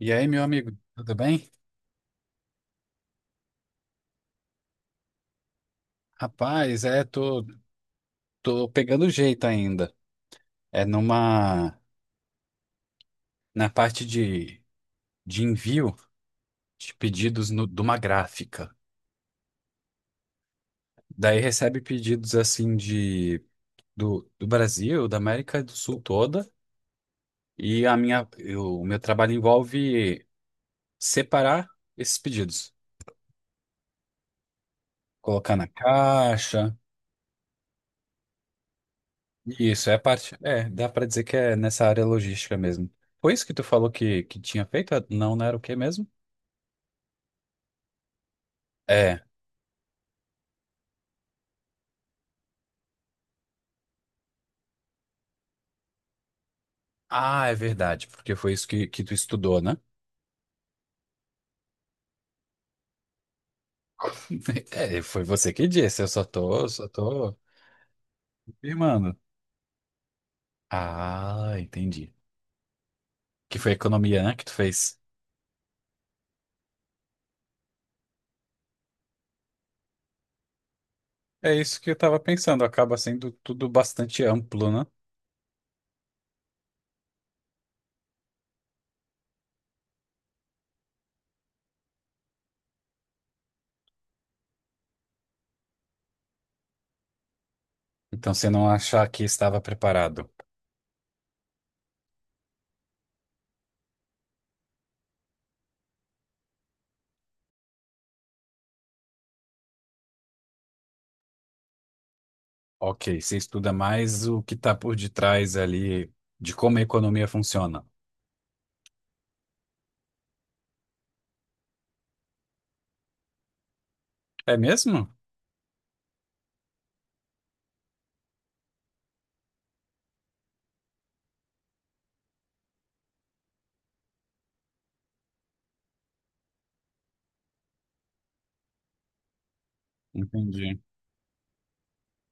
E aí, meu amigo, tudo bem? Rapaz, é, tô pegando jeito ainda. É numa, Na parte de envio de pedidos de uma gráfica. Daí recebe pedidos assim do Brasil, da América do Sul toda, e o meu trabalho envolve separar esses pedidos, colocar na caixa. Isso, é a parte, é, dá pra dizer que é nessa área logística mesmo. Foi isso que tu falou que tinha feito? Não era o quê mesmo? É. Ah, é verdade, porque foi isso que tu estudou, né? É, foi você que disse, eu só tô confirmando. Ah, entendi. Que foi economia, né, que tu fez? É isso que eu estava pensando, acaba sendo tudo bastante amplo, né? Então, você não achar que estava preparado. Ok, você estuda mais o que está por detrás ali de como a economia funciona. É mesmo? Entendi.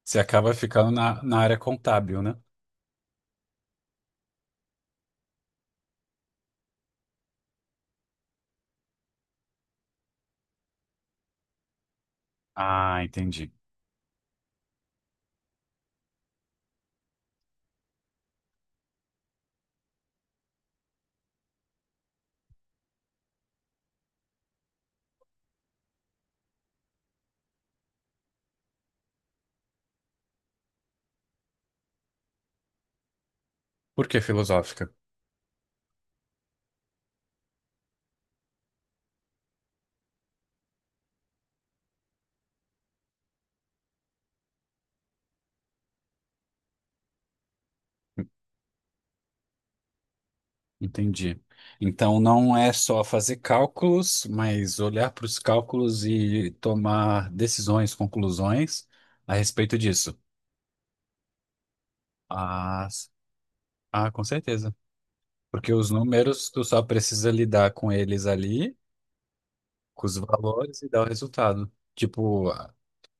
Você acaba ficando na área contábil, né? Ah, entendi. Por que filosófica? Entendi. Então não é só fazer cálculos, mas olhar para os cálculos e tomar decisões, conclusões a respeito disso. Ah, s- ah, com certeza. Porque os números, tu só precisa lidar com eles ali, com os valores e dar o resultado. Tipo, a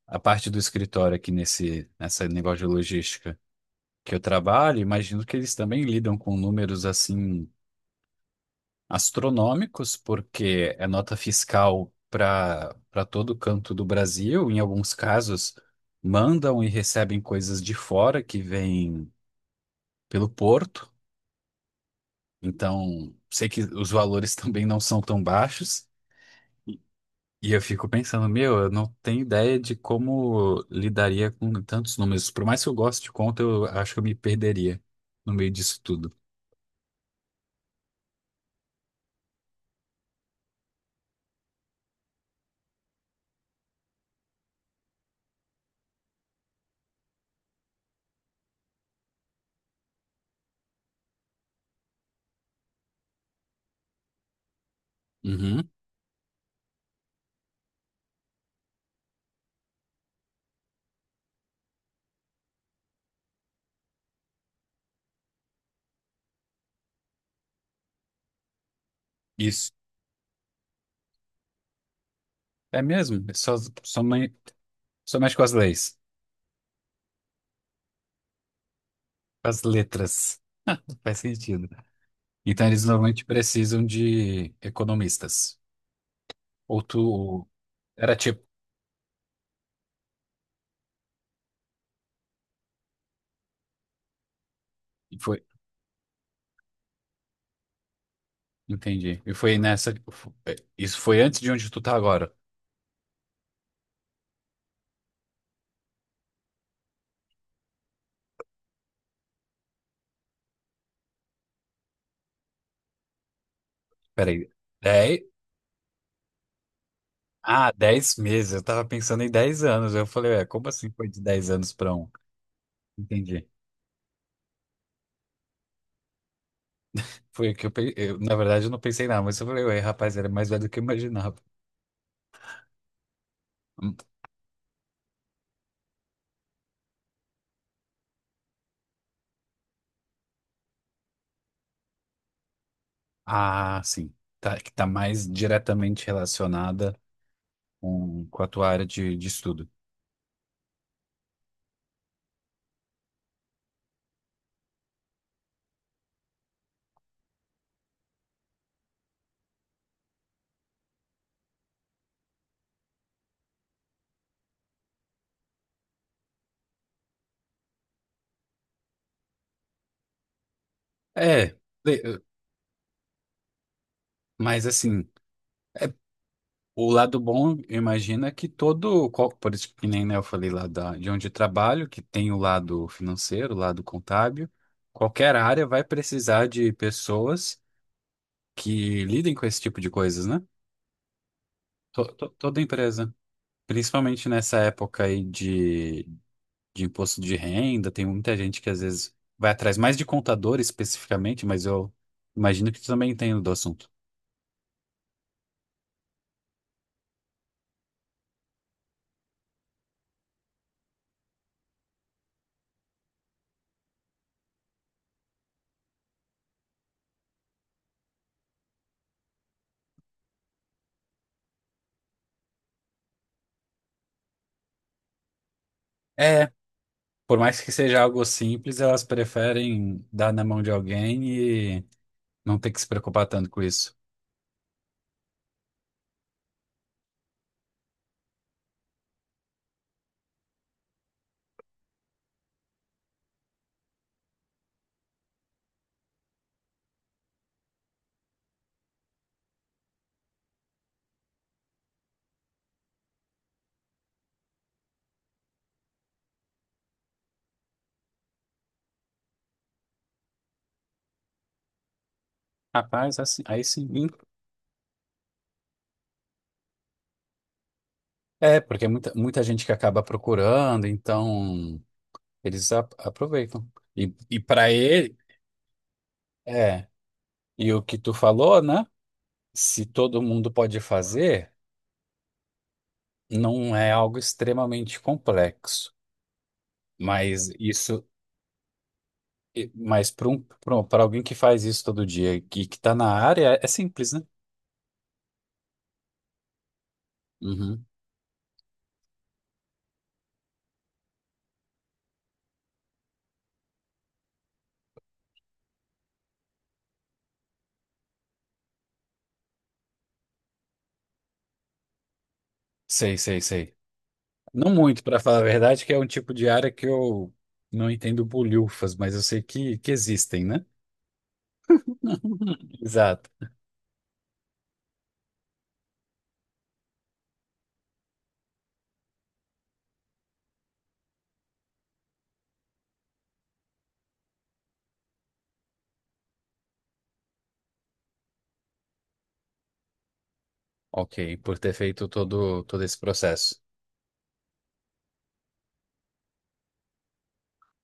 a parte do escritório aqui nessa negócio de logística que eu trabalho, imagino que eles também lidam com números assim astronômicos, porque é nota fiscal para todo canto do Brasil. Em alguns casos, mandam e recebem coisas de fora que vêm pelo porto. Então, sei que os valores também não são tão baixos. E eu fico pensando, meu, eu não tenho ideia de como lidaria com tantos números. Por mais que eu goste de conta, eu acho que eu me perderia no meio disso tudo. Uhum, isso. É mesmo? Só, me- Só mexe com as leis. As letras. Não faz sentido. Então eles normalmente precisam de economistas. Ou tu era tipo, E foi, entendi. E foi nessa, isso foi antes de onde tu tá agora. Peraí, 10 ah, dez meses. Eu tava pensando em 10 anos. Eu falei, ué, como assim foi de dez anos pra um? Entendi. Foi que na verdade, eu não pensei nada, mas eu falei, ué, rapaz, era mais velho do que eu imaginava. Hum, Ah, sim. Tá, que tá mais diretamente relacionada com a tua área de estudo. É, le- eh, mas assim, o lado bom, imagina por isso que nem né, eu falei de onde eu trabalho, que tem o lado financeiro, o lado contábil, qualquer área vai precisar de pessoas que lidem com esse tipo de coisas, né? Toda empresa, principalmente nessa época de imposto de renda, tem muita gente que às vezes vai atrás mais de contador especificamente, mas eu imagino que tu também entende do assunto. Por mais que seja algo simples, elas preferem dar na mão de alguém e não ter que se preocupar tanto com isso. Rapaz, assim, aí sim, hein? É, porque é muita gente que acaba procurando, então eles aproveitam. E para ele, é. E o que tu falou, né? Se todo mundo pode fazer, não é algo extremamente complexo. Mas isso, mas para um, para alguém que faz isso todo dia e que está na área, é simples, né? Uhum. Sei, sei, sei. Não muito, para falar a verdade, que é um tipo de área que eu não entendo bolhufas, mas eu sei que existem, né? Exato. Ok, por ter feito todo esse processo.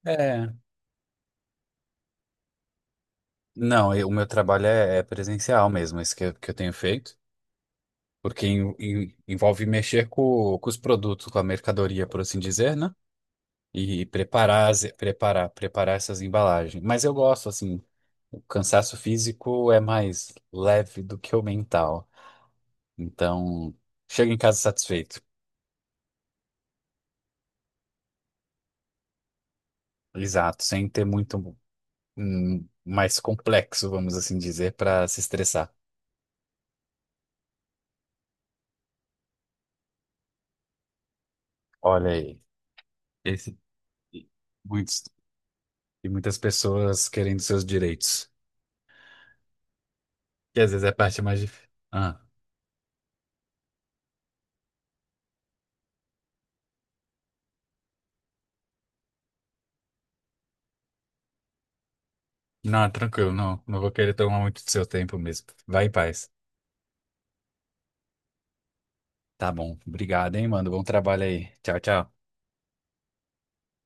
É, não, eu- O meu trabalho é, é presencial mesmo, esse que eu tenho feito, porque envolve mexer com os produtos, com a mercadoria, por assim dizer, né? E preparar essas embalagens. Mas eu gosto, assim, o cansaço físico é mais leve do que o mental. Então, chega em casa satisfeito. Exato, sem ter muito mais complexo, vamos assim dizer, para se estressar. Olha aí, esse, e muitos, e muitas pessoas querendo seus direitos, que às vezes é a parte mais difícil. Ah, não, tranquilo, não, não vou querer tomar muito do seu tempo mesmo. Vai em paz. Tá bom, obrigado, hein, mano. Bom trabalho aí. Tchau, tchau.